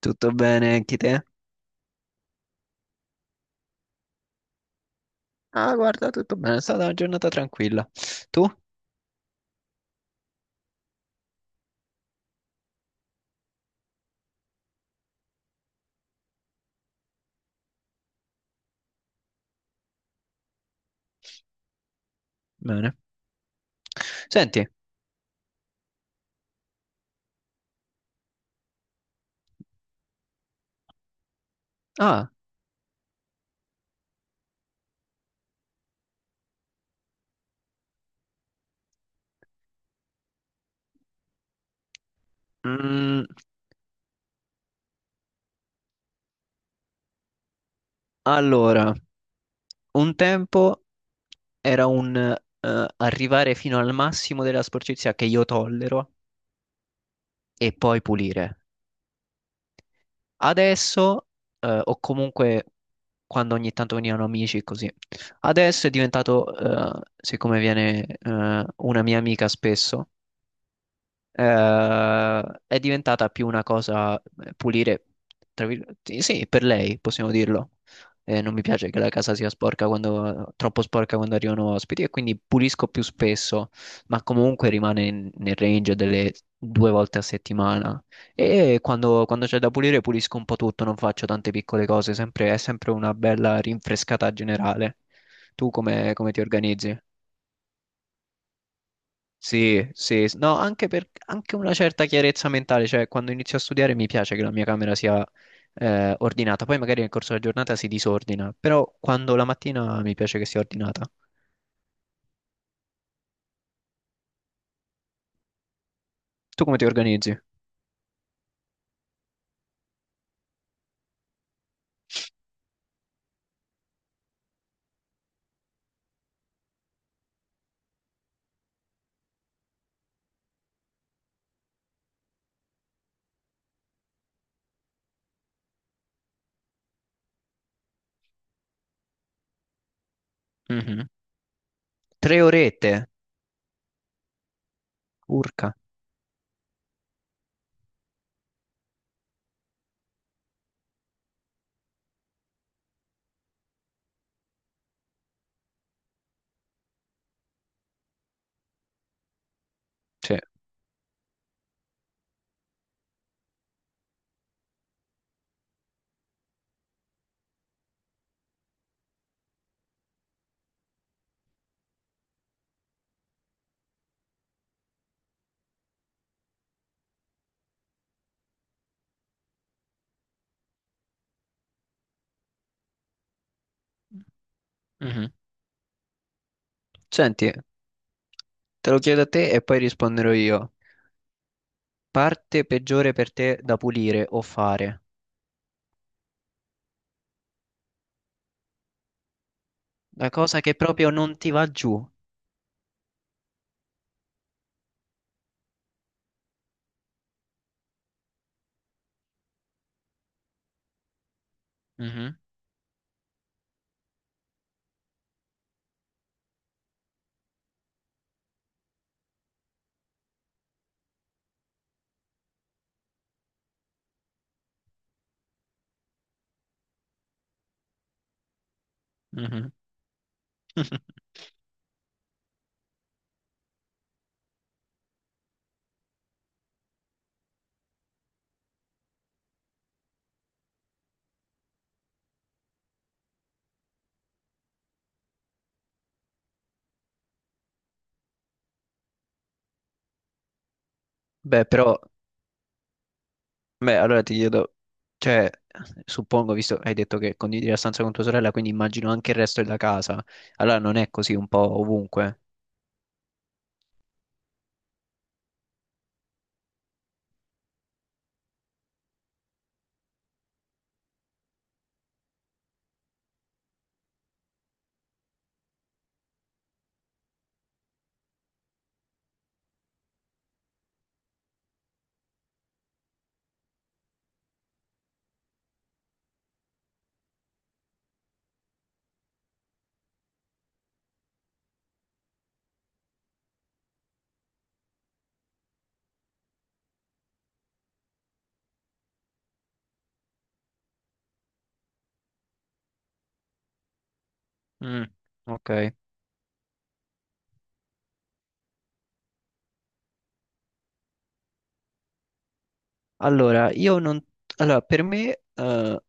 Tutto bene anche te? Ah, guarda, tutto bene, è stata una giornata tranquilla. Tu? Bene. Senti, ah, mm, allora, un tempo era un arrivare fino al massimo della sporcizia che io tollero e poi pulire. Adesso, o comunque quando ogni tanto venivano amici e così, adesso è diventato, siccome viene una mia amica spesso. Eh, è diventata più una cosa pulire, tra virgolette, sì, sì, per lei possiamo dirlo. Non mi piace che la casa sia sporca quando, troppo sporca quando arrivano ospiti, e quindi pulisco più spesso, ma comunque rimane nel range delle due volte a settimana. E quando, quando c'è da pulire, pulisco un po' tutto, non faccio tante piccole cose, è sempre una bella rinfrescata generale. Tu come ti organizzi? Sì, sì, no, anche per anche una certa chiarezza mentale, cioè quando inizio a studiare mi piace che la mia camera sia ordinata, poi magari nel corso della giornata si disordina, però quando la mattina mi piace che sia ordinata. Tu come ti organizzi? Mhm. Tre orette, urca. Sì. Mhm. Senti, te lo chiedo a te e poi risponderò io. Parte peggiore per te da pulire o fare? La cosa che proprio non ti va giù. Mhm. Mhm. Beh, però. Beh, allora ti chiedo, cioè, suppongo, visto che hai detto che condividi la stanza con tua sorella, quindi immagino anche il resto della casa. Allora non è così un po' ovunque. Mm, ok. Allora, io non... Allora, per me,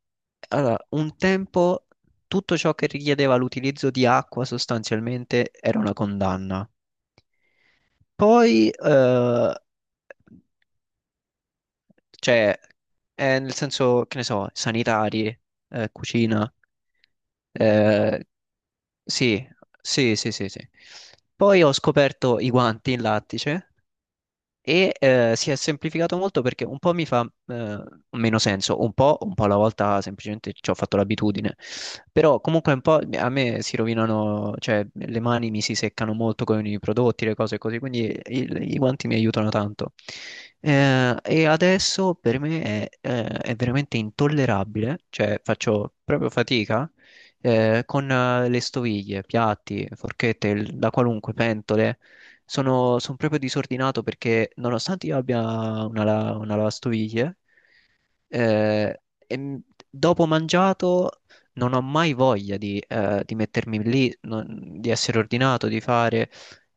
allora, un tempo tutto ciò che richiedeva l'utilizzo di acqua sostanzialmente era una condanna. Poi, eh. Cioè, nel senso, che ne so, sanitari, cucina. eh, sì, sì, sì, sì, sì. Poi ho scoperto i guanti in lattice. E si è semplificato molto perché un po' mi fa meno senso, un po' alla volta semplicemente ci ho fatto l'abitudine, però comunque un po' a me si rovinano, cioè le mani mi si seccano molto con i prodotti, le cose così, quindi i, i guanti mi aiutano tanto. E adesso per me è veramente intollerabile, cioè faccio proprio fatica con le stoviglie, piatti, forchette, da qualunque, pentole. Sono, son proprio disordinato perché nonostante io abbia una, una lavastoviglie, eh, e dopo mangiato non ho mai voglia di mettermi lì, di essere ordinato, di fare.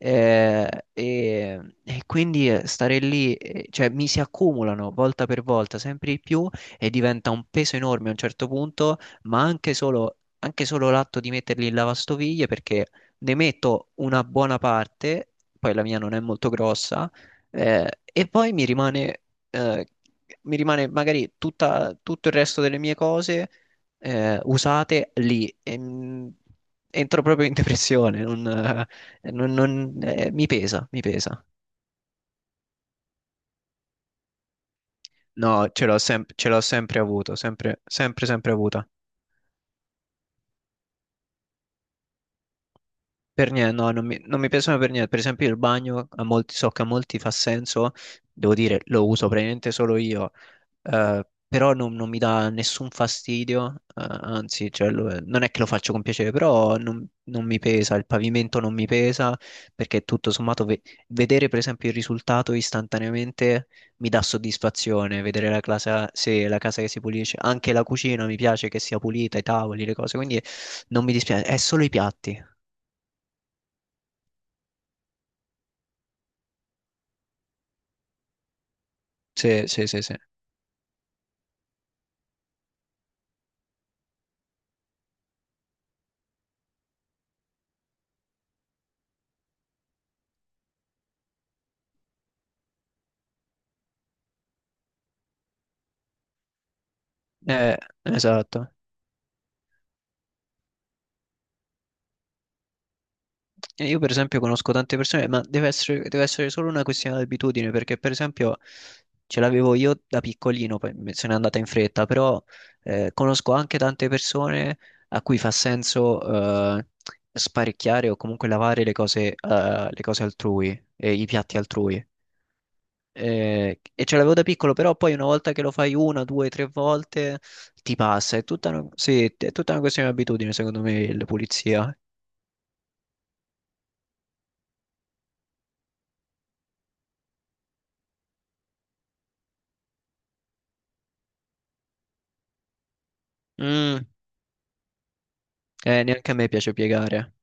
E, e quindi stare lì, cioè mi si accumulano volta per volta sempre di più e diventa un peso enorme a un certo punto, ma anche solo l'atto di metterli in lavastoviglie perché ne metto una buona parte, poi la mia non è molto grossa, e poi eh, mi rimane magari tutto il resto delle mie cose usate lì. E, entro proprio in depressione, mi pesa, mi pesa. No, ce l'ho ce l'ho sempre avuto, sempre, sempre, sempre avuta. Per niente, no, non mi piacciono per niente. Per esempio il bagno, a molti, so che a molti fa senso, devo dire, lo uso praticamente solo io, però non, non mi dà nessun fastidio, anzi, cioè, non è che lo faccio con piacere, però non, non mi pesa, il pavimento non mi pesa, perché tutto sommato vedere per esempio il risultato istantaneamente mi dà soddisfazione, vedere la casa, se la casa che si pulisce, anche la cucina mi piace che sia pulita, i tavoli, le cose, quindi non mi dispiace, è solo i piatti. Sì, sì, sì, sì. Eh, esatto. E io per esempio conosco tante persone, ma deve essere solo una questione di abitudine, perché per esempio ce l'avevo io da piccolino, poi se n'è andata in fretta, però conosco anche tante persone a cui fa senso sparecchiare o comunque lavare le cose altrui, e i piatti altrui. E ce l'avevo da piccolo, però poi una volta che lo fai una, due, tre volte ti passa. È tutta una, sì, è tutta una questione di abitudine, secondo me, la pulizia. Mm, neanche a me piace piegare.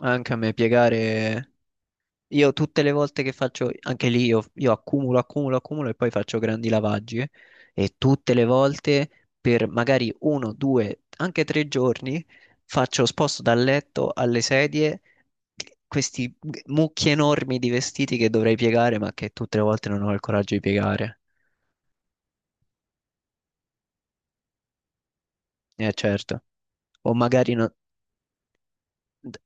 Anche a me piegare. Io tutte le volte che faccio, anche lì io accumulo, accumulo, accumulo e poi faccio grandi lavaggi e tutte le volte per magari uno, due, anche tre giorni faccio, sposto dal letto alle sedie questi mucchi enormi di vestiti che dovrei piegare ma che tutte le volte non ho il coraggio di piegare. Eh certo. O magari no-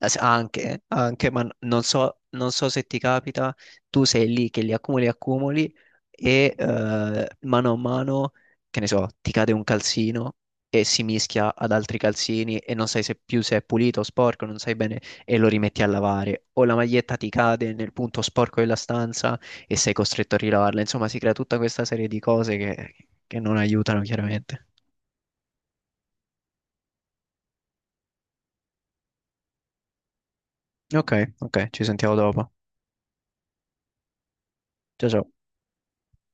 Anche, anche, ma non so, non so se ti capita, tu sei lì che li accumuli, accumuli e mano a mano, che ne so, ti cade un calzino e si mischia ad altri calzini e non sai se più se è pulito o sporco, non sai bene e lo rimetti a lavare. O la maglietta ti cade nel punto sporco della stanza e sei costretto a rilavarla. Insomma, si crea tutta questa serie di cose che non aiutano chiaramente. Ok, ok, ci sentiamo dopo. Ciao ciao.